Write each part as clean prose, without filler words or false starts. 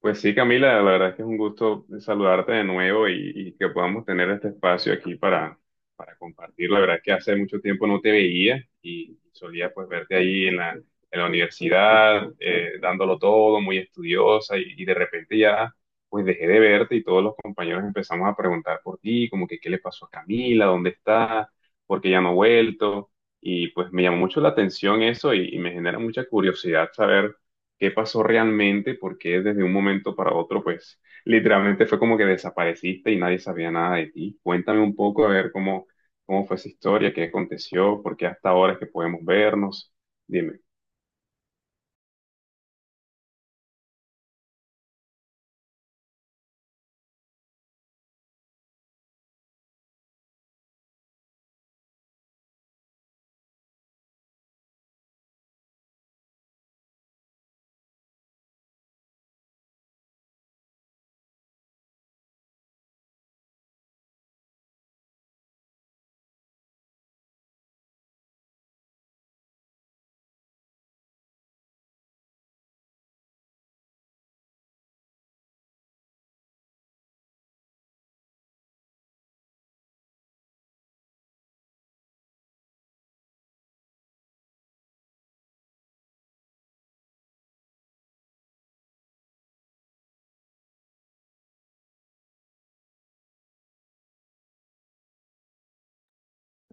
Pues sí, Camila, la verdad es que es un gusto saludarte de nuevo y que podamos tener este espacio aquí para compartir. La verdad es que hace mucho tiempo no te veía y solía pues verte ahí en la universidad, dándolo todo, muy estudiosa y de repente ya pues dejé de verte y todos los compañeros empezamos a preguntar por ti, como que qué le pasó a Camila, dónde está, por qué ya no ha vuelto y pues me llamó mucho la atención eso y me genera mucha curiosidad saber qué pasó realmente, porque desde un momento para otro, pues literalmente fue como que desapareciste y nadie sabía nada de ti. Cuéntame un poco a ver cómo fue esa historia, qué aconteció, por qué hasta ahora es que podemos vernos. Dime.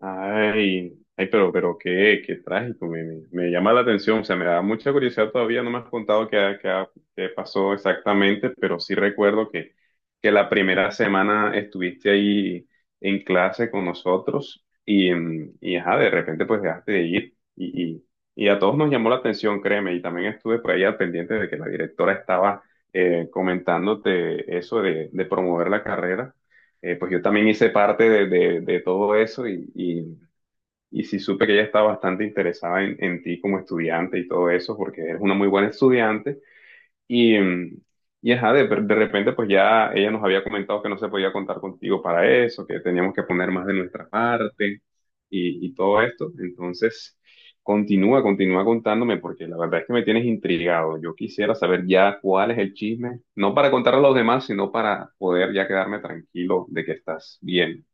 Ay, ay, pero qué, qué trágico, me llama la atención, o sea, me da mucha curiosidad todavía, no me has contado qué pasó exactamente, pero sí recuerdo que la primera semana estuviste ahí en clase con nosotros y, y ajá, de repente pues dejaste de ir y a todos nos llamó la atención, créeme, y también estuve por ahí al pendiente de que la directora estaba comentándote eso de promover la carrera. Pues yo también hice parte de, de todo eso y sí supe que ella está bastante interesada en ti como estudiante y todo eso, porque eres una muy buena estudiante. Y, y ajá, de repente pues ya ella nos había comentado que no se podía contar contigo para eso, que teníamos que poner más de nuestra parte y todo esto. Entonces, continúa contándome, porque la verdad es que me tienes intrigado. Yo quisiera saber ya cuál es el chisme, no para contarle a los demás, sino para poder ya quedarme tranquilo de que estás bien.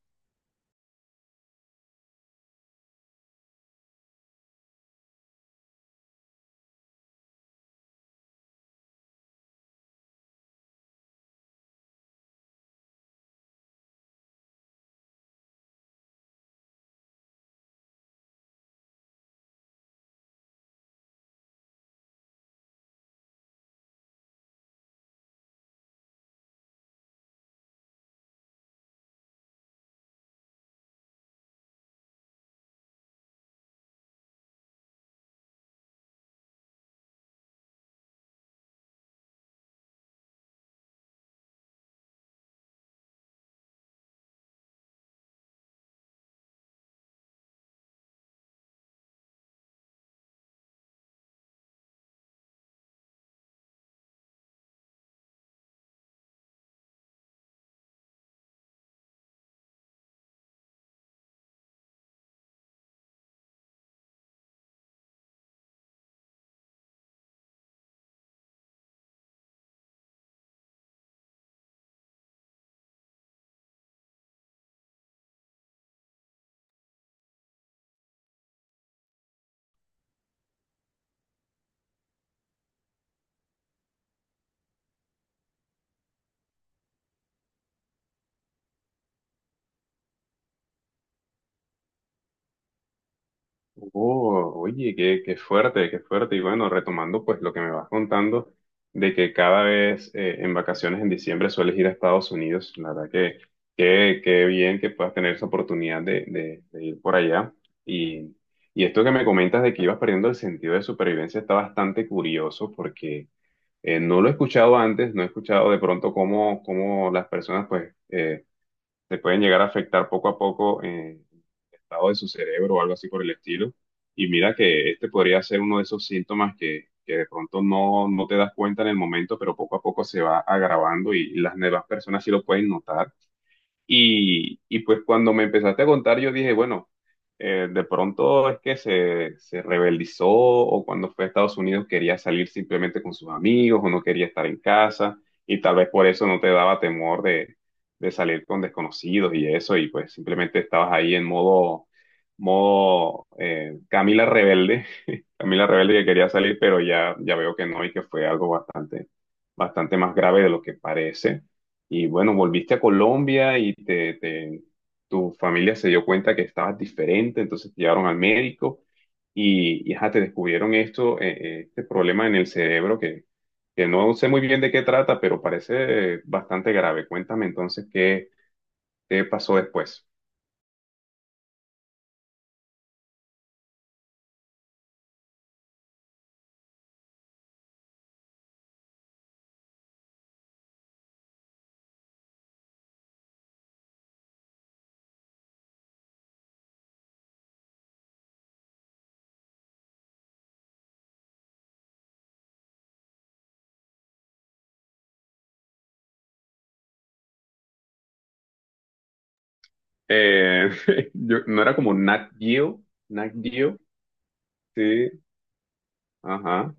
Oh, oye, qué, qué fuerte, qué fuerte. Y bueno, retomando pues lo que me vas contando de que cada vez en vacaciones en diciembre sueles ir a Estados Unidos, la verdad que qué, qué bien que puedas tener esa oportunidad de, de ir por allá. Y, y esto que me comentas de que ibas perdiendo el sentido de supervivencia está bastante curioso porque no lo he escuchado antes, no he escuchado de pronto cómo las personas pues se pueden llegar a afectar poco a poco. Estado de su cerebro o algo así por el estilo. Y mira que este podría ser uno de esos síntomas que de pronto no te das cuenta en el momento, pero poco a poco se va agravando y las demás personas sí lo pueden notar. Y pues cuando me empezaste a contar, yo dije, bueno, de pronto es que se rebeldizó o cuando fue a Estados Unidos quería salir simplemente con sus amigos o no quería estar en casa y tal vez por eso no te daba temor de salir con desconocidos y eso y pues simplemente estabas ahí en modo, modo Camila rebelde, Camila rebelde que quería salir pero ya, ya veo que no y que fue algo bastante, bastante más grave de lo que parece. Y bueno, volviste a Colombia y te, tu familia se dio cuenta que estabas diferente, entonces te llevaron al médico y ajá, te descubrieron esto, este problema en el cerebro que no sé muy bien de qué trata, pero parece bastante grave. Cuéntame entonces qué pasó después. Eh, yo, no era como Nat Geo, Nat Geo, sí, ajá.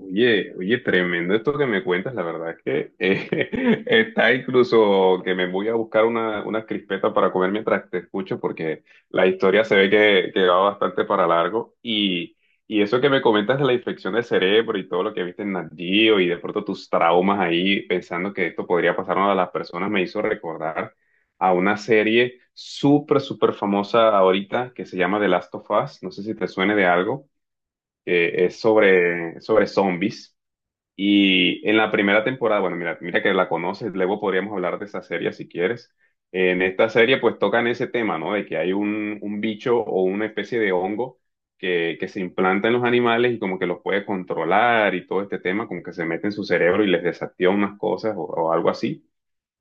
Oye, oye, tremendo esto que me cuentas, la verdad es que está incluso que me voy a buscar una crispeta para comer mientras te escucho, porque la historia se ve que va bastante para largo. Y eso que me comentas de la infección del cerebro y todo lo que viste en Nat Geo y de pronto tus traumas ahí pensando que esto podría pasar a las personas me hizo recordar a una serie súper, súper famosa ahorita que se llama The Last of Us. No sé si te suene de algo, que es sobre, sobre zombies. Y en la primera temporada, bueno, mira que la conoces, luego podríamos hablar de esa serie si quieres. En esta serie pues tocan ese tema, ¿no? De que hay un bicho o una especie de hongo que se implanta en los animales y como que los puede controlar y todo este tema, como que se mete en su cerebro y les desactiva unas cosas o algo así.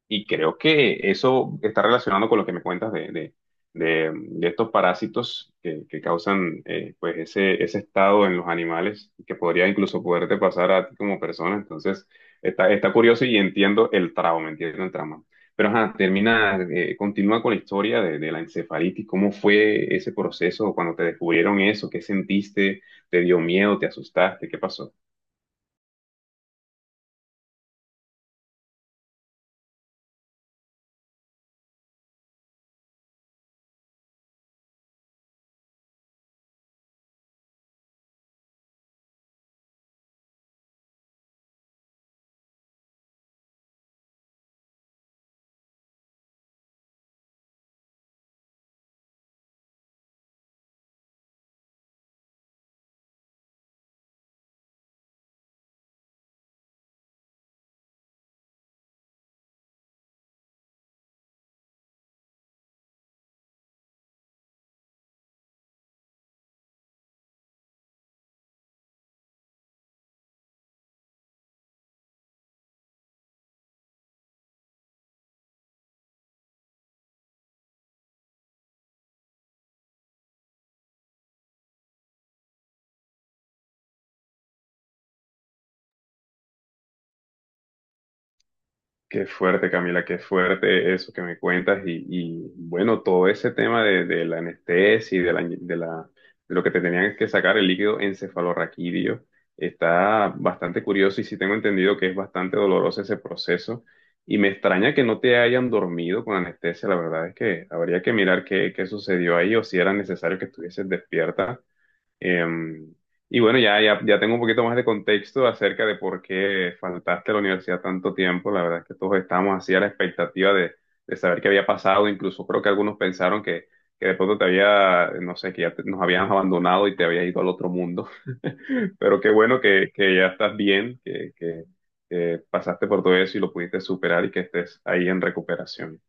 Y creo que eso está relacionado con lo que me cuentas de, de estos parásitos que causan pues ese estado en los animales y que podría incluso poderte pasar a ti como persona. Entonces, está, está curioso y entiendo el trauma, entiendo el trauma. Pero ajá, termina, continúa con la historia de la encefalitis. ¿Cómo fue ese proceso cuando te descubrieron eso? ¿Qué sentiste? ¿Te dio miedo? ¿Te asustaste? ¿Qué pasó? Qué fuerte, Camila, qué fuerte eso que me cuentas y, bueno, todo ese tema de la anestesia y de la, de lo que te tenían que sacar el líquido encefalorraquídeo está bastante curioso y sí tengo entendido que es bastante doloroso ese proceso y me extraña que no te hayan dormido con anestesia, la verdad es que habría que mirar qué, qué sucedió ahí o si era necesario que estuvieses despierta. Em, y bueno, ya tengo un poquito más de contexto acerca de por qué faltaste a la universidad tanto tiempo. La verdad es que todos estábamos así a la expectativa de saber qué había pasado. Incluso creo que algunos pensaron que de pronto te había, no sé, que ya nos habían abandonado y te habías ido al otro mundo. Pero qué bueno que, ya estás bien, que pasaste por todo eso y lo pudiste superar y que estés ahí en recuperación.